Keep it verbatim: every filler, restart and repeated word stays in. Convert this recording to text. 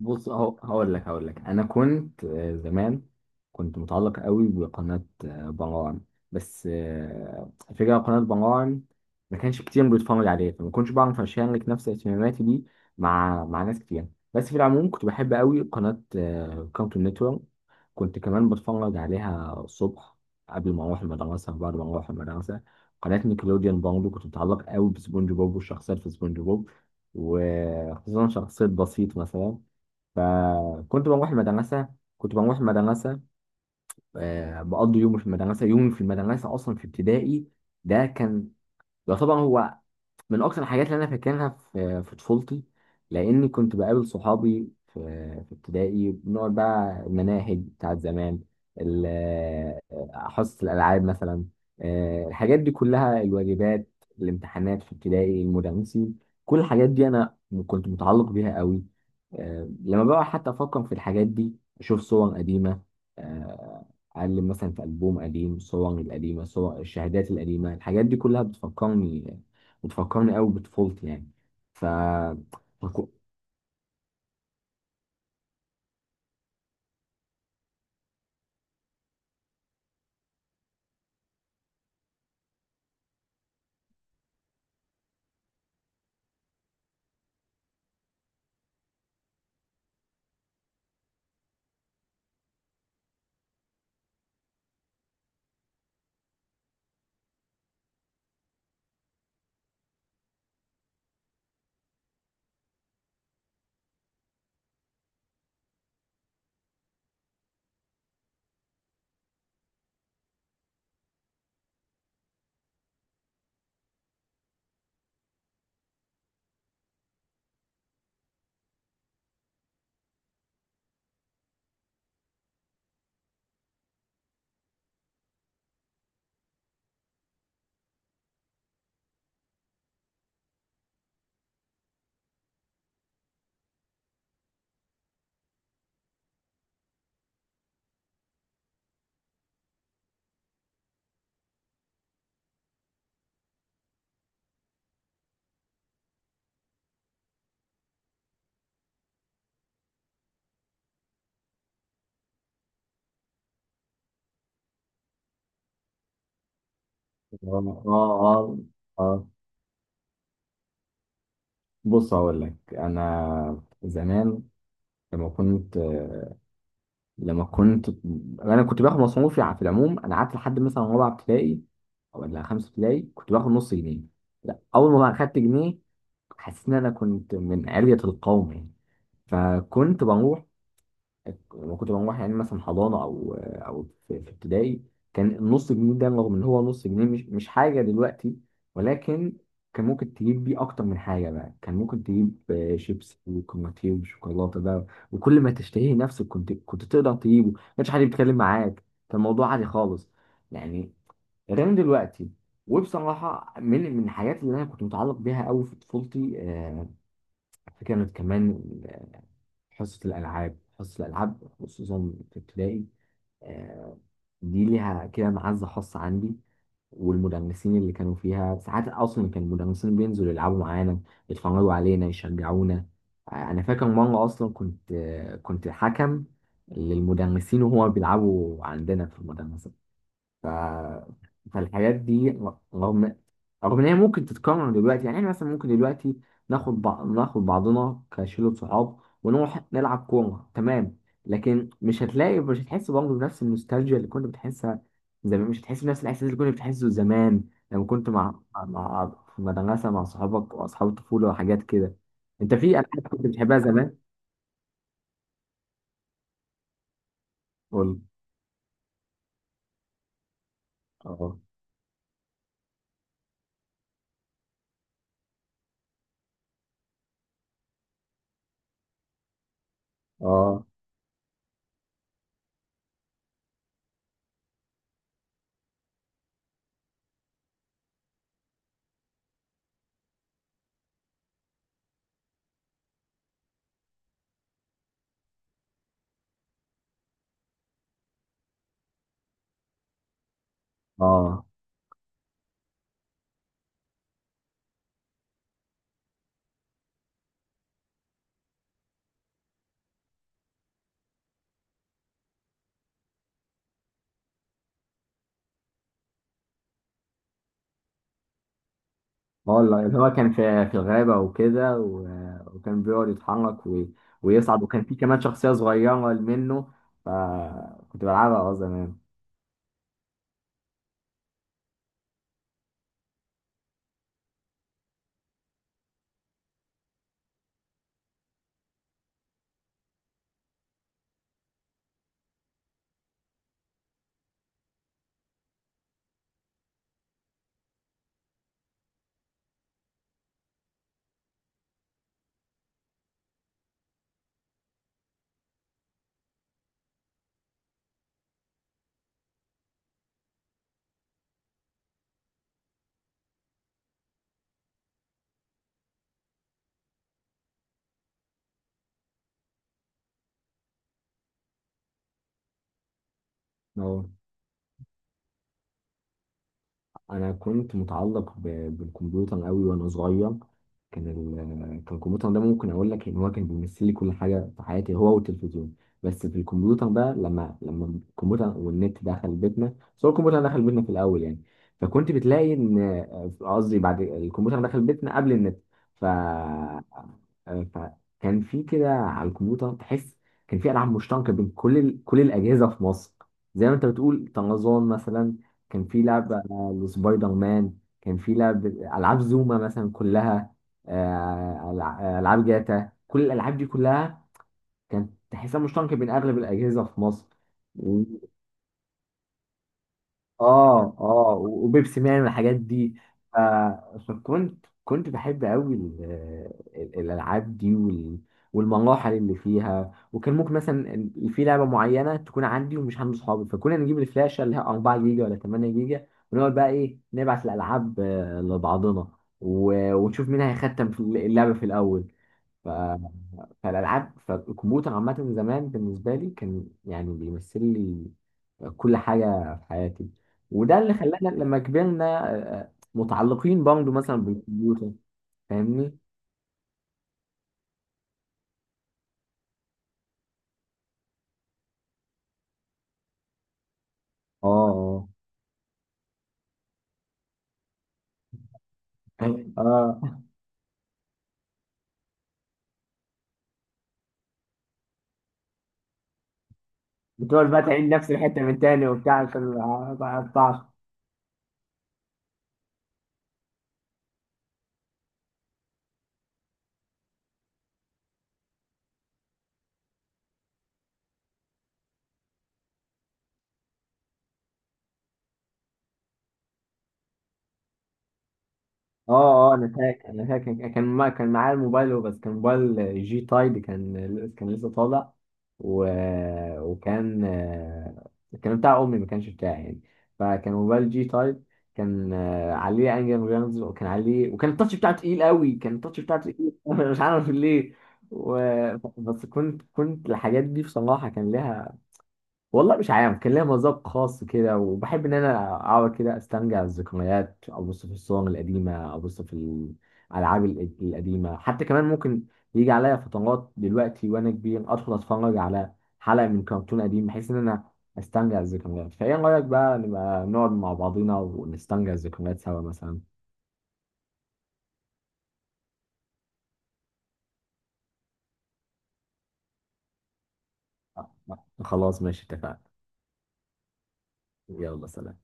بص، اهو هقول لك هقول لك انا كنت آه، زمان. كنت متعلق قوي بقناه آه، بنغوان. بس آه، الفكره قناه بنغوان ما كانش كتير بيتفرج عليها، فما كنتش بعرف اشارك نفس اهتماماتي دي مع مع ناس كتير. بس في العموم كنت بحب قوي قناه آه، كارتون نتورك. كنت كمان بتفرج عليها الصبح قبل ما اروح المدرسه وبعد ما اروح المدرسه. قناه نيكلوديان برضه كنت متعلق قوي بسبونج بوب والشخصيات في سبونج بوب، وخصوصا شخصيه بسيط مثلا. فكنت بروح المدرسة كنت بروح المدرسة آه، بقضي يومي في المدرسة يومي في المدرسة أصلا في ابتدائي. ده كان يعتبر هو من اكتر الحاجات اللي انا فاكرها في في طفولتي، لاني كنت بقابل صحابي في في ابتدائي. بنقعد بقى المناهج بتاعت زمان، ال- حصص الالعاب مثلا. آه، الحاجات دي كلها، الواجبات، الامتحانات في ابتدائي، المدرسين، كل الحاجات دي انا كنت متعلق بيها قوي. آه، لما بقى حتى افكر في الحاجات دي اشوف صور قديمه. آه، اعلم مثلا في البوم قديم، الصور القديمه، صور الشهادات القديمه، الحاجات دي كلها بتفكرني وتفكرني قوي بطفولتي يعني. ف فكو- اه، اه، اه. بص، هقول لك انا زمان، لما كنت لما كنت انا كنت باخد مصروفي ع- في العموم. انا قعدت لحد مثلا رابعه ابتدائي ولا خمسه ابتدائي كنت باخد نص جنيه. لا، اول ما بقى اخدت جنيه حسيت ان انا كنت من علية القوم يعني. فكنت بروح لما كنت بروح يعني مثلا حضانه او او في في ابتدائي، كان النص جنيه ده رغم ان هو نص جنيه مش مش حاجه دلوقتي، ولكن كان ممكن تجيب بيه اكتر من حاجه. بقى كان ممكن تجيب آه، شيبسي وكرواتيه وشوكولاته بقى، وكل ما تشتهيه نفسك كنت كنت تقدر تجيبه، ما كانش حد بيتكلم معاك. كان الموضوع عادي خالص يعني، غير دلوقتي. وبصراحه، من من الحاجات اللي انا كنت متعلق بيها قوي في طفولتي، آه، كانت كمان حصة الألعاب حصة الألعاب خصوصا في ابتدائي. آه، دي ليها كده معزة خاصة عندي، والمدرسين اللي كانوا فيها ساعات أصلا كان المدرسين بينزلوا يلعبوا معانا، يتفرجوا علينا، يشجعونا. آه، أنا فاكر مرة أصلا كنت آه، كنت حكم للمدرسين وهما بيلعبوا عندنا في المدرسة. ف... فالحاجات دي ر- رغم رغم ان هي ممكن تتكرر دلوقتي، يعني احنا مثلا ممكن دلوقتي ناخد بع... ناخد بعضنا كشلة صحاب ونروح نلعب كورة، تمام، لكن مش هتلاقي، مش هتحس برضه بنفس النوستالجيا اللي كنت بتحسها زمان، مش هتحس بنفس الاحساس اللي كنت بتحسه زمان لما كنت مع مع مع- في مدرسة مع صحابك واصحاب الطفولة وحاجات كده. انت في العاب كنت بتحبها زمان؟ قول. اه، اه، اه. والله اللي هو كان في في الغابة وكده، و- وكان بيقعد يتحرك و... ويصعد، وكان في كمان شخصية صغيرة منه، فكنت بلعبها اه زمان. انا كنت متعلق ب- بالكمبيوتر قوي وانا صغير. كان ال... كان الكمبيوتر ده ممكن اقول لك ان هو كان بيمثل لي كل حاجه في حياتي، هو والتلفزيون. بس في الكمبيوتر بقى، لما لما الكمبيوتر والنت دخل بيتنا. بس هو الكمبيوتر دخل بيتنا في الاول يعني، فكنت بتلاقي ان آه، قصدي بعد الكمبيوتر دخل بيتنا قبل النت. ف فكان في كده على الكمبيوتر تحس، كان في العاب مشتركه بين كل ال... كل الاجهزه في مصر. زي ما انت بتقول طرزان مثلا، كان في لعبه وسبايدر مان، كان في لعب العاب زوما مثلا، كلها. آه، ألع- آه، العاب جاتا، كل الالعاب دي كلها كانت تحسها مشتركه بين اغلب الاجهزه في مصر. اه، اه، وبيبسي مان والحاجات دي. ف- فكنت كنت بحب قوي ال- ال- الالعاب دي وال- والمراحل اللي فيها. وكان ممكن مثلا ال- في لعبه معينه تكون عندي ومش عند صحابي، فكنا نجيب الفلاشه اللي هي اربع جيجا ولا تمانيه جيجا، ونقعد بقى ايه نبعت الالعاب آه، لبعضنا، و- ونشوف مين هيختم في اللعبه في الاول. ف- فالالعاب فالكمبيوتر عامه زمان بالنسبه لي كان يعني بيمثل لي كل حاجة في حياتي، وده اللي خلانا لما كبرنا آه، آه، متعلقين برضه مثلا بالكمبيوتر. فاهمني؟ اه، اه، اه. بتقعد بقى تعيد نفس الحتة من تاني وبتاع عشان ما ما اقطعش. اه، اه، انا فاكر انا فاكر كان ما كان معايا الموبايل هو، بس كان موبايل جي تايد، كان كان لسه طالع. و... وكان آه، كان بتاع امي، ما كانش بتاعي يعني. فكان موبايل جي تايد، كان آه، عليه انجل جيمز، وكان عليه وكان التاتش بتاعه تقيل قوي، كان التاتش بتاعه تقيل مش عارف ليه. و... بس كنت كنت الحاجات دي بصراحة كان لها والله مش عارف، كان ليا مذاق خاص كده، وبحب ان انا اقعد كده استرجع الذكريات، ابص في الصور القديمه، ابص في الالعاب ال- القديمه. حتى كمان ممكن يجي عليا فترات دلوقتي وانا كبير ادخل اتفرج على حلقه من كرتون قديم بحيث ان انا استرجع الذكريات. فايه رايك بقى نبقى نقعد مع بعضينا ونسترجع الذكريات سوا مثلا؟ آه، خلاص ماشي، اتفقنا. يلا، سلام.